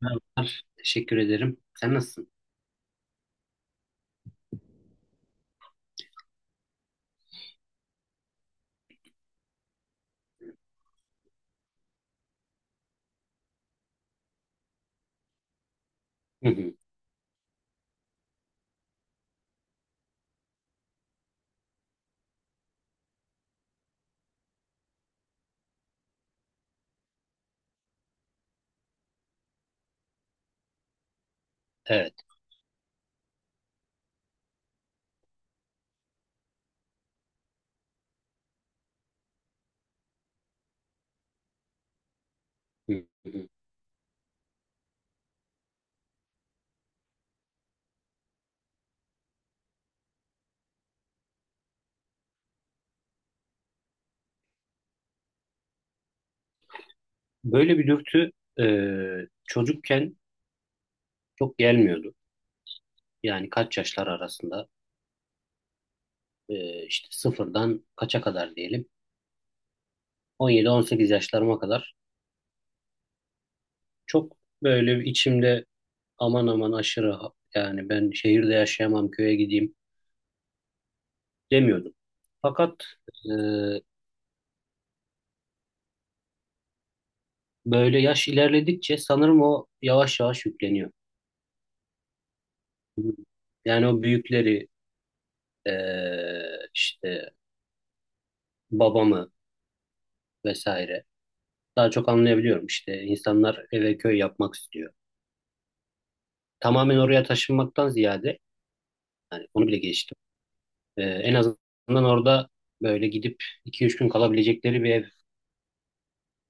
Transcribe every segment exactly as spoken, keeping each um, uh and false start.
Merhabalar, teşekkür ederim. Sen nasılsın? Hı hı, Evet. Hı hı. Böyle bir dürtü e, çocukken çok gelmiyordu. Yani kaç yaşlar arasında e, işte sıfırdan kaça kadar diyelim. on yedi on sekiz yaşlarıma kadar çok böyle bir içimde aman aman aşırı ha- yani ben şehirde yaşayamam köye gideyim demiyordum. Fakat e, böyle yaş ilerledikçe sanırım o yavaş yavaş yükleniyor. Yani o büyükleri e, işte babamı vesaire. Daha çok anlayabiliyorum işte insanlar eve köy yapmak istiyor. Tamamen oraya taşınmaktan ziyade yani onu bile geçtim. Ee, en azından orada böyle gidip iki üç gün kalabilecekleri bir ev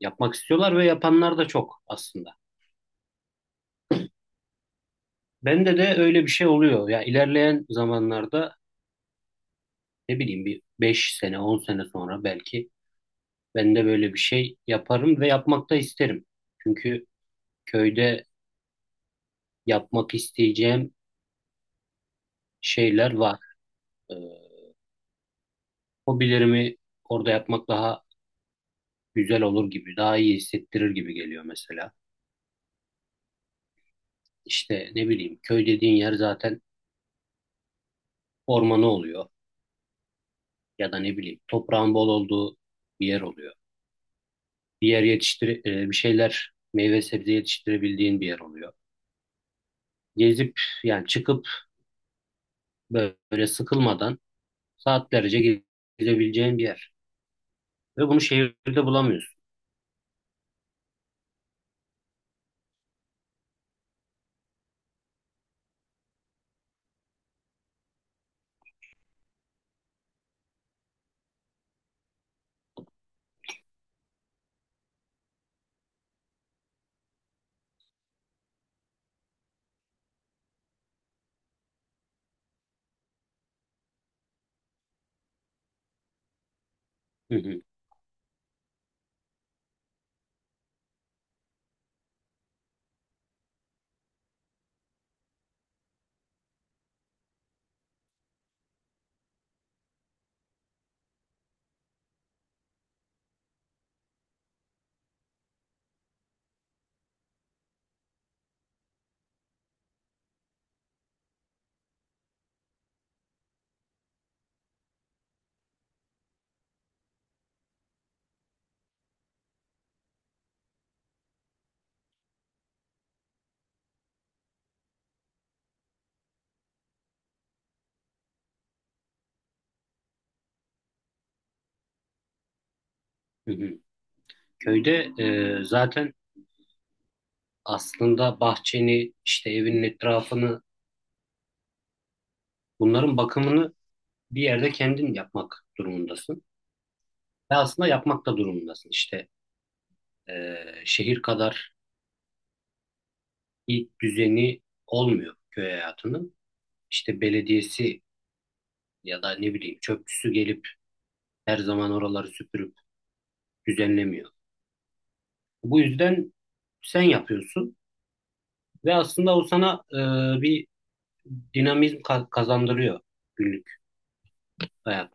yapmak istiyorlar ve yapanlar da çok aslında. Bende de öyle bir şey oluyor. Ya ilerleyen zamanlarda ne bileyim bir beş sene on sene sonra belki ben de böyle bir şey yaparım ve yapmak da isterim. Çünkü köyde yapmak isteyeceğim şeyler var. Ee, Hobilerimi orada yapmak daha güzel olur gibi, daha iyi hissettirir gibi geliyor mesela. İşte ne bileyim köy dediğin yer zaten ormanı oluyor ya da ne bileyim toprağın bol olduğu bir yer oluyor. Bir yer yetiştir e, bir şeyler meyve sebze yetiştirebildiğin bir yer oluyor. Gezip yani çıkıp böyle sıkılmadan saatlerce ge- gezebileceğin bir yer. Ve bunu şehirde bulamıyorsun. Hı hı, hı hı. Köyde e, zaten aslında bahçeni işte evinin etrafını bunların bakımını bir yerde kendin yapmak durumundasın. Ve aslında yapmak da durumundasın. İşte eee, şehir kadar bir düzeni olmuyor köy hayatının. İşte belediyesi ya da ne bileyim çöpçüsü gelip her zaman oraları süpürüp düzenlemiyor. Bu yüzden sen yapıyorsun ve aslında o sana eee, bir dinamizm ka- kazandırıyor günlük hayat.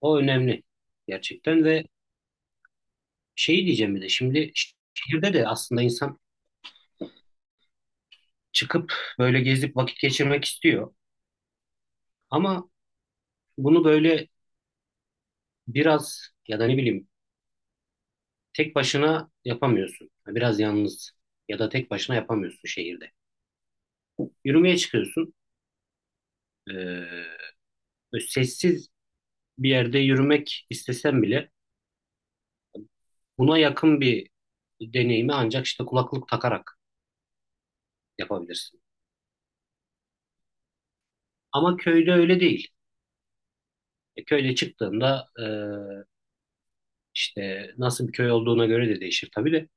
O önemli gerçekten ve şeyi diyeceğim bir de şimdi şehirde de aslında insan çıkıp böyle gezip vakit geçirmek istiyor. Ama bunu böyle biraz ya da ne bileyim tek başına yapamıyorsun. Yani Biraz yalnız ya da tek başına yapamıyorsun şehirde. Yürümeye çıkıyorsun. Ee, böyle sessiz bir yerde yürümek istesen bile buna yakın bir deneyimi ancak işte kulaklık takarak yapabilirsin. Ama köyde öyle değil. E, köyde çıktığında e, işte nasıl bir köy olduğuna göre de değişir tabii de.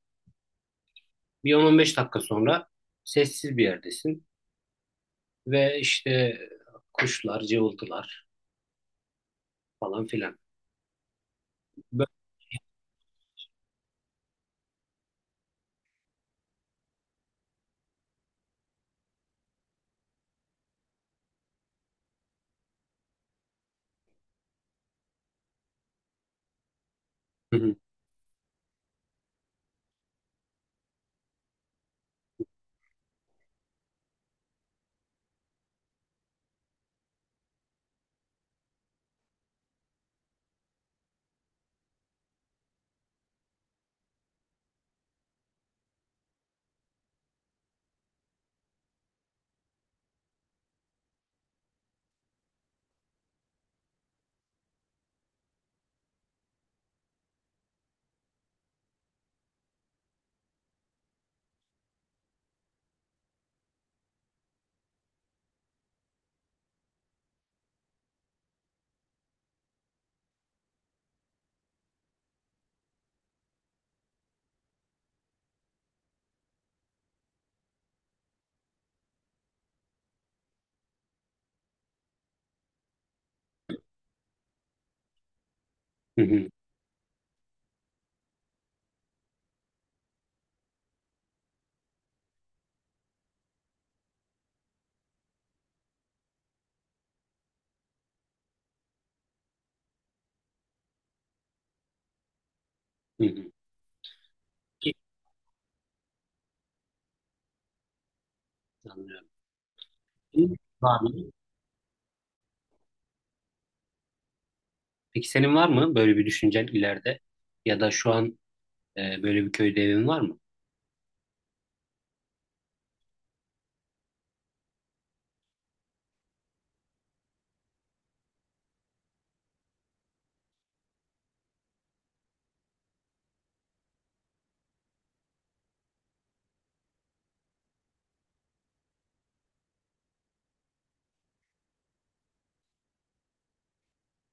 Bir on on beş dakika sonra sessiz bir yerdesin. Ve işte kuşlar, cıvıltılar falan filan. Bö- Hı hı, hı hı, hı hı. Anlıyorum. Senin Var mı? Peki senin var mı böyle bir düşüncen ileride? Ya da şu an e, böyle bir köyde evin var mı?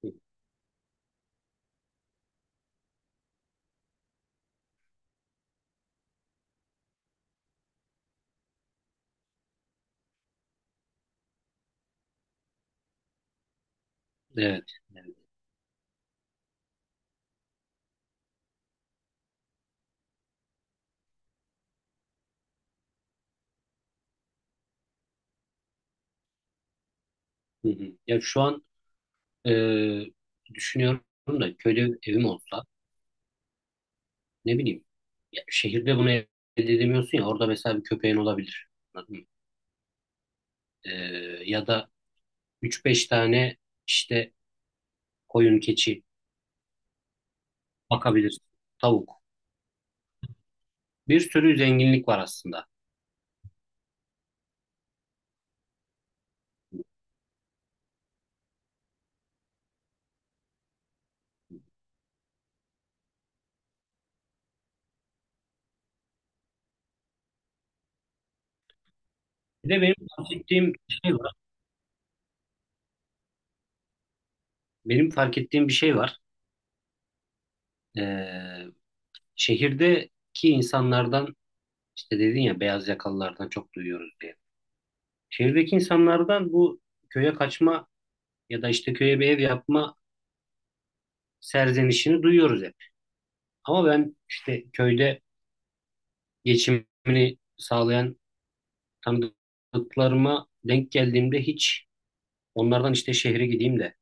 Hı, Evet. evet. Hı hı. Ya şu an e, düşünüyorum da köyde evim olsa ne bileyim ya şehirde bunu elde edemiyorsun ya orada mesela bir köpeğin olabilir. Anladın mı? E, ya da üç beş tane işte koyun, keçi bakabilirsin. Tavuk. Bir sürü zenginlik var aslında. Bir de benim fark ettiğim şey var. Benim fark ettiğim bir şey var. Ee, şehirdeki insanlardan işte dedin ya beyaz yakalılardan çok duyuyoruz diye. Şehirdeki insanlardan bu köye kaçma ya da işte köye bir ev yapma serzenişini duyuyoruz hep. Ama ben işte köyde geçimini sağlayan tanıdıklarıma denk geldiğimde hiç onlardan işte şehre gideyim de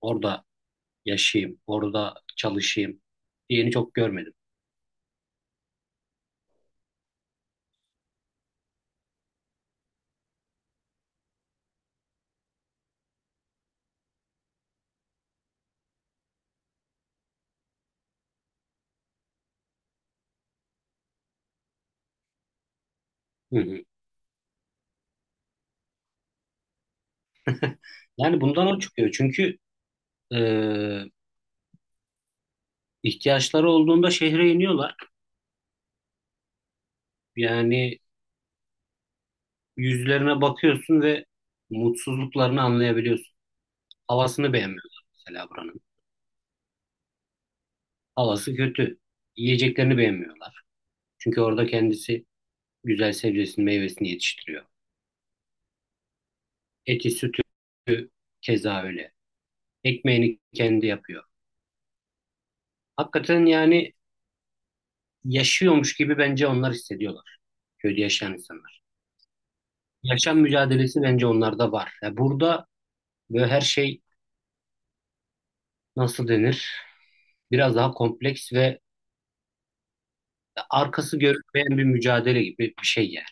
orada yaşayayım, orada çalışayım diyeni çok görmedim. Hı hı. Yani bundan o çıkıyor. Çünkü e, ihtiyaçları olduğunda şehre iniyorlar. Yani yüzlerine bakıyorsun ve mutsuzluklarını anlayabiliyorsun. Havasını beğenmiyorlar mesela buranın. Havası kötü. Yiyeceklerini beğenmiyorlar. Çünkü orada kendisi güzel sebzesini, meyvesini yetiştiriyor. Eti, sütü keza öyle. Ekmeğini kendi yapıyor. Hakikaten yani yaşıyormuş gibi bence onlar hissediyorlar. Köyde yaşayan insanlar. Yaşam mücadelesi bence onlarda var. Ya burada Böyle her şey nasıl denir? Biraz daha kompleks ve arkası görünmeyen bir mücadele gibi bir şey yani.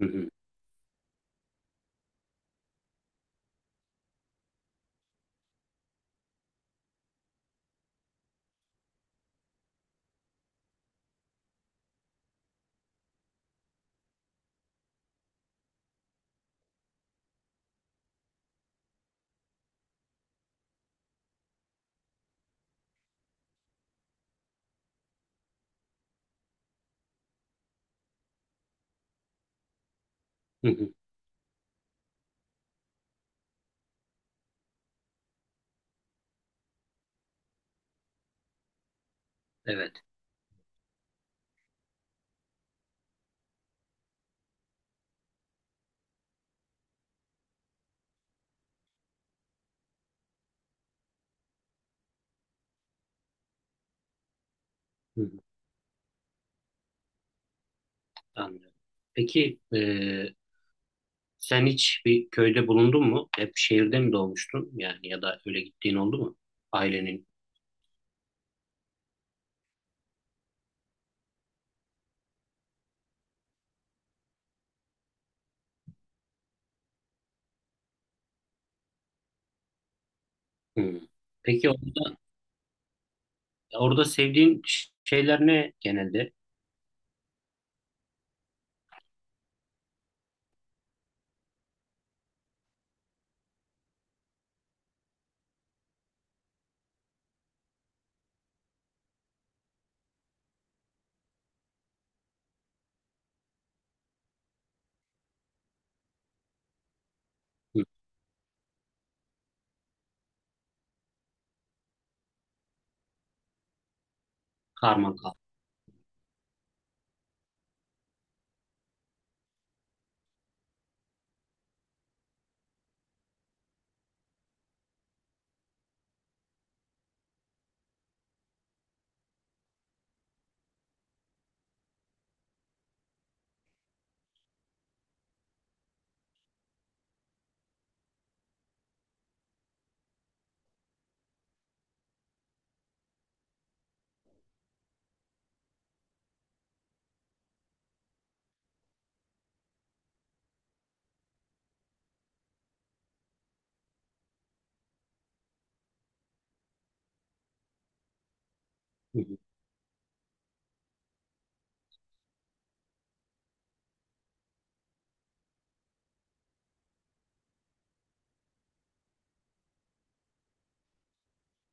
Hı hı, hı hı. Evet. Hı hı, anlıyorum. Peki e, sen hiç bir köyde bulundun mu? Hep şehirde mi doğmuştun? Yani ya da öyle gittiğin oldu mu? Ailenin. Hı. Peki orada, orada sevdiğin ş- şeyler ne genelde? Hı. Karman kal. Hı hı,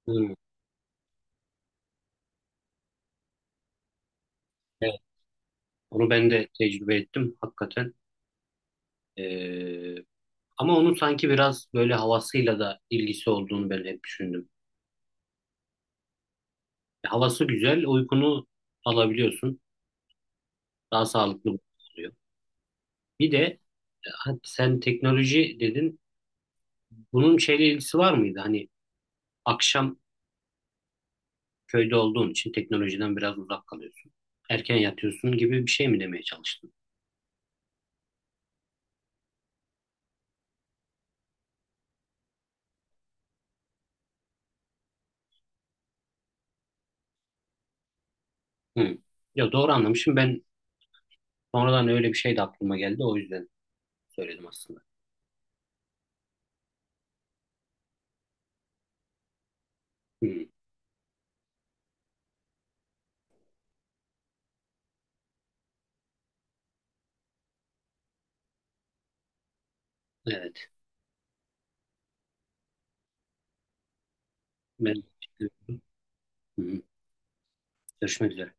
hı. Evet. Onu ben de tecrübe ettim hakikaten. E, Ama onun sanki biraz böyle havasıyla da ilgisi olduğunu ben hep düşündüm. Havası güzel, uykunu alabiliyorsun. Daha sağlıklı oluyor. Bir de e, ha- sen teknoloji dedin. Bunun şeyle ilgisi var mıydı? Hani akşam köyde olduğun için teknolojiden biraz uzak kalıyorsun. Erken yatıyorsun gibi bir şey mi demeye çalıştın? Hı. Ya doğru anlamışım. Ben sonradan öyle bir şey de aklıma geldi. O yüzden söyledim aslında. Hı. Evet. Ben. Hı. görüşmek üzere.